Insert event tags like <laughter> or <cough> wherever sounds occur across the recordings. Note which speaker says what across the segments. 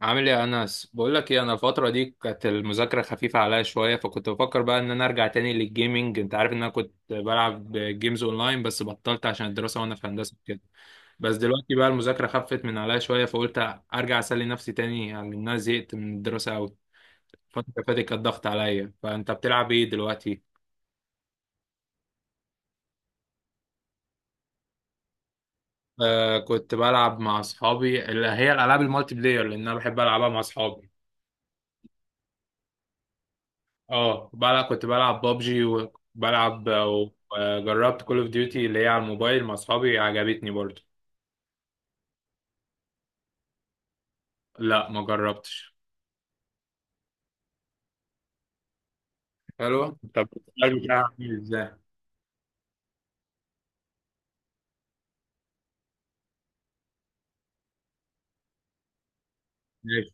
Speaker 1: عامل ايه يا انس؟ بقول لك ايه، انا الفتره دي كانت المذاكره خفيفه عليا شويه، فكنت بفكر بقى ان انا ارجع تاني للجيمنج. انت عارف ان انا كنت بلعب جيمز اونلاين بس بطلت عشان الدراسه وانا في هندسه كده. بس دلوقتي بقى المذاكره خفت من عليا شويه، فقلت ارجع اسلي نفسي تاني، يعني لان انا زهقت من الدراسه قوي. الفتره اللي فاتت كانت ضغط عليا. فانت بتلعب ايه دلوقتي؟ آه، كنت بلعب مع اصحابي اللي هي الالعاب المالتي بلاير، لان انا بحب العبها مع اصحابي. اه، كنت بلعب بابجي، وبلعب وجربت كول اوف ديوتي اللي هي على الموبايل مع اصحابي، عجبتني برضو. لا، ما جربتش. حلوة. طب السؤال بتاعها عامل ازاي؟ ماشي.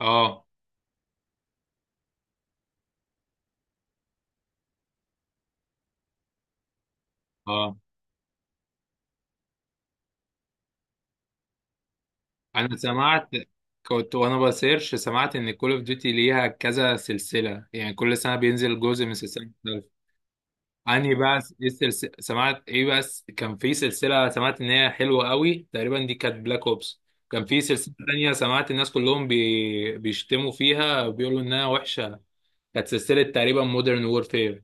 Speaker 1: اه. اه. انا سمعت، كنت وانا بسيرش سمعت ان كول اوف ديوتي ليها كذا سلسلة، يعني كل سنة بينزل جزء من سلسلة. انهي بقى ايه السلسلة؟ سمعت ايه بس، كان في سلسلة سمعت ان هي حلوة قوي، تقريبا دي كانت بلاك اوبس. كان في سلسلة تانية سمعت الناس كلهم بيشتموا فيها وبيقولوا انها وحشة، كانت سلسلة تقريبا مودرن وورفير.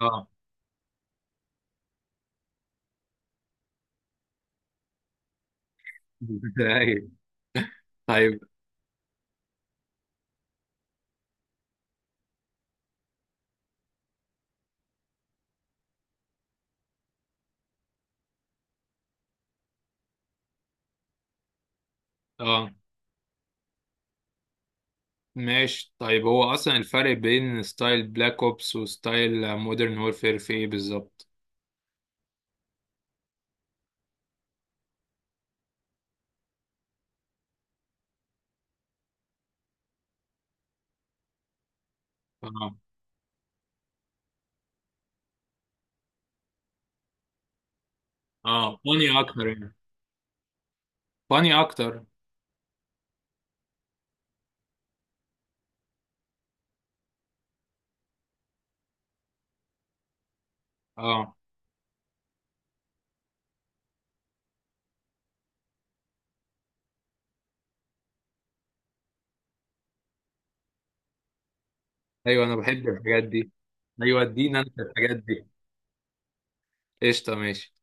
Speaker 1: اه. <laughs> ايوه. طيب. اه ماشي. طيب هو اصلا الفرق بين ستايل بلاك اوبس وستايل مودرن وورفير في ايه بالظبط؟ اه. اه، فاني اكتر يعني. فاني اكتر. اه. ايوه، انا بحب الحاجات دي. ايوه، ادينا انت الحاجات دي. قشطة. ماشي.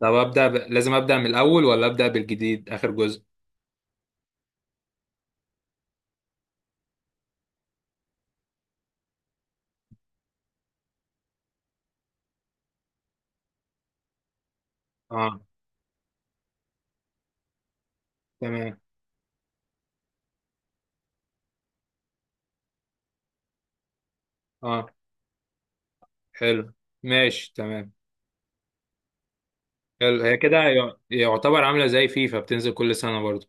Speaker 1: طب لازم أبدأ من الأول، ولا أبدأ بالجديد آخر جزء؟ اه. تمام. اه. حلو. ماشي تمام. حلو، هي كده يعتبر عاملة زي فيفا، بتنزل كل سنة برضو.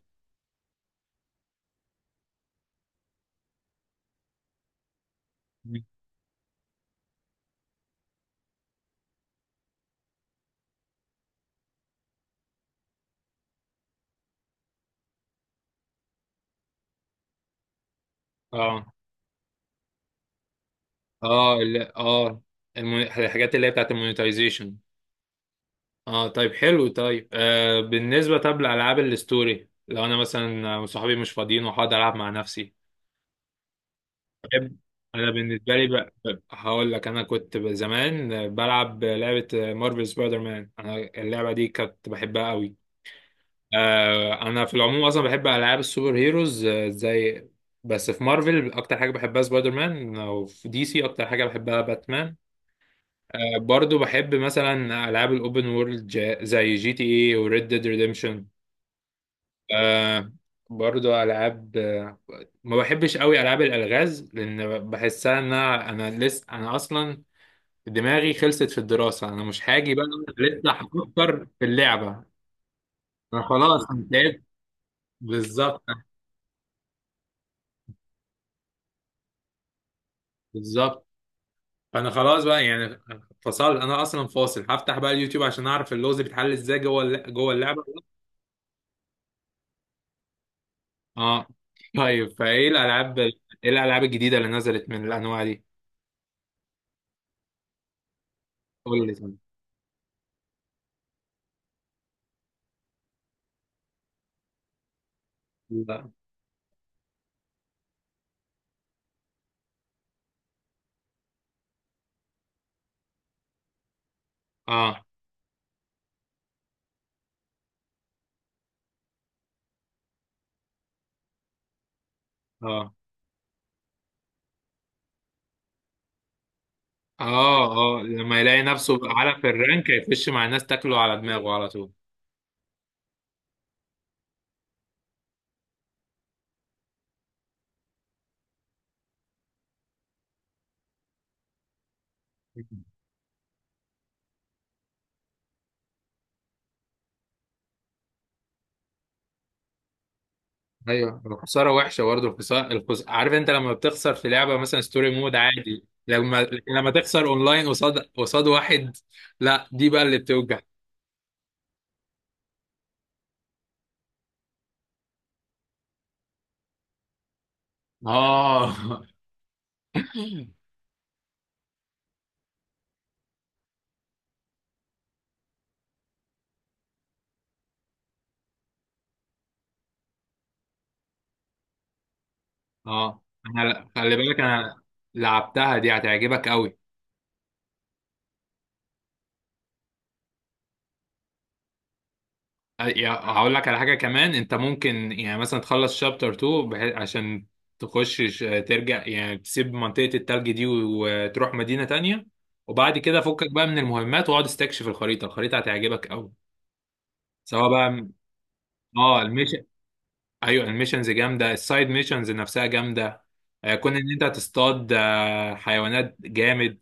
Speaker 1: مم. اه. اه، لا اه. الحاجات اللي هي بتاعت المونيتايزيشن. اه. طيب حلو. طيب آه، بالنسبة طب لألعاب الستوري لو أنا مثلا صحابي مش فاضيين وهقعد ألعب مع نفسي، بحب. انا بالنسبه لي بقى هقول لك، انا كنت زمان بلعب لعبه مارفل سبايدر مان. انا اللعبه دي كنت بحبها قوي. آه، انا في العموم اصلا بحب العاب السوبر هيروز، آه، زي، بس في مارفل اكتر حاجه بحبها سبايدر مان، وفي دي سي اكتر حاجه بحبها باتمان. آه، برضو بحب مثلا العاب الاوبن وورلد، زي جي تي اي وريد ديد ريديمشن. آه. برضو العاب آه، ما بحبش قوي العاب الالغاز، لان بحسها ان انا اصلا دماغي خلصت في الدراسه، انا مش هاجي بقى لسه هفكر في اللعبه. انا خلاص انا تعبت. بالظبط. بالظبط. انا خلاص بقى يعني فصلت، انا اصلا فاصل، هفتح بقى اليوتيوب عشان اعرف اللغز بيتحل ازاي جوه اللعبه. اه. طيب فايه الالعاب ايه؟ الالعاب الجديده اللي نزلت من الانواع دي. قول لي. لا. اه. اه. اه. اه، لما يلاقي نفسه اعلى في الرانك هيخش مع الناس، تاكله على دماغه على طول. ايوه، الخساره وحشه برضه. الخساره، عارف انت لما بتخسر في لعبه مثلا ستوري مود عادي، لما لما تخسر اونلاين قصاد قصاد واحد، لا دي بقى اللي بتوجع. اه. <laughs> اه، انا خلي بالك، انا لعبتها دي هتعجبك قوي. يا- هقول لك على حاجة كمان، انت ممكن يعني مثلا تخلص شابتر 2، بحيث عشان ترجع يعني تسيب منطقة التلج دي وتروح مدينة تانية، وبعد كده فكك بقى من المهمات واقعد استكشف الخريطة. الخريطة هتعجبك قوي، سواء بقى. اه الميشن، ايوه الميشنز جامدة، السايد ميشنز نفسها جامدة، آه، كون ان انت تصطاد آه، حيوانات جامد.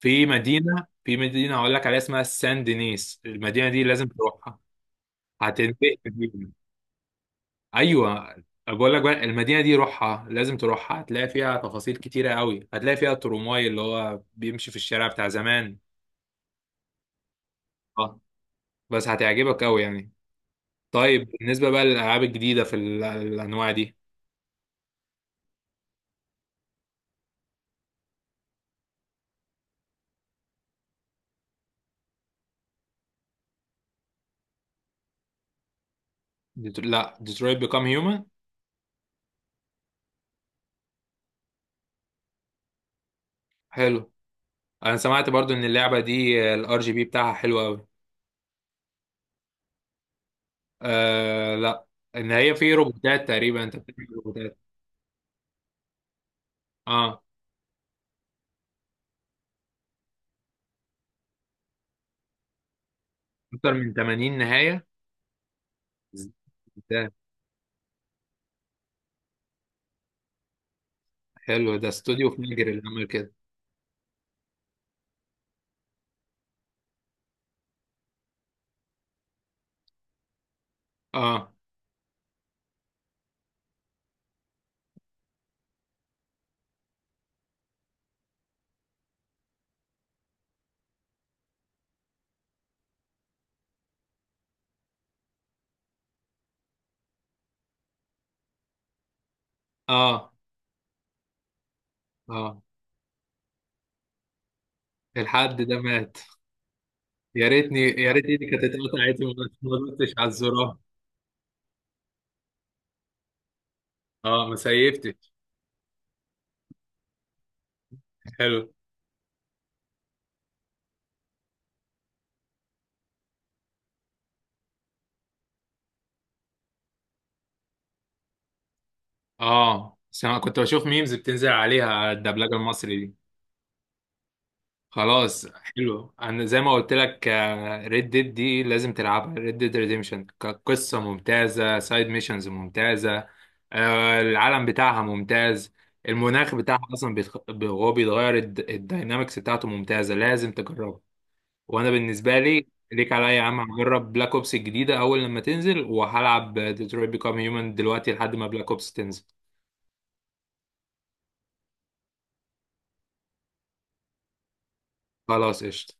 Speaker 1: في مدينة هقول لك عليها اسمها سان دينيس، المدينة دي لازم تروحها، هتنبهر بيها. ايوه. بقول لك بقى، المدينه دي روحها، لازم تروحها، هتلاقي فيها تفاصيل كتيره قوي، هتلاقي فيها الترمواي اللي هو بيمشي في الشارع بتاع زمان. اه. بس هتعجبك قوي يعني. طيب بالنسبه بقى للالعاب الجديده في الانواع دي. لا، ديترويت بيكام هيومن. حلو. انا سمعت برضو ان اللعبه دي الار جي بي بتاعها حلو قوي. آه لا، ان هي في روبوتات تقريبا، انت بتعمل روبوتات. اه. اكتر من 80 نهايه؟ ده. حلو، ده استوديو فيجر اللي عمل كده. اه. اه. اه. الحد ده مات. يا ريتني، يا ريت ايدي كانت اتقطعت وما. ما دوستش على الزرار. اه، ما سيفتش. حلو. اه، بس انا كنت بشوف ميمز بتنزل عليها على الدبلجه المصري دي. خلاص حلو. انا زي ما قلت لك، ريد ديد دي لازم تلعبها، ريد ديد ريديمشن كقصه ممتازه، سايد ميشنز ممتازه، آه العالم بتاعها ممتاز، المناخ بتاعها اصلا هو بيتغير، الداينامكس بتاعته ممتازه، لازم تجربها. وانا بالنسبه لي ليك عليا يا عم، هجرب بلاك اوبس الجديده اول لما تنزل، وهلعب ديترويت بيكام هيومن دلوقتي لحد ما بلاك اوبس تنزل. خلاص قشطه.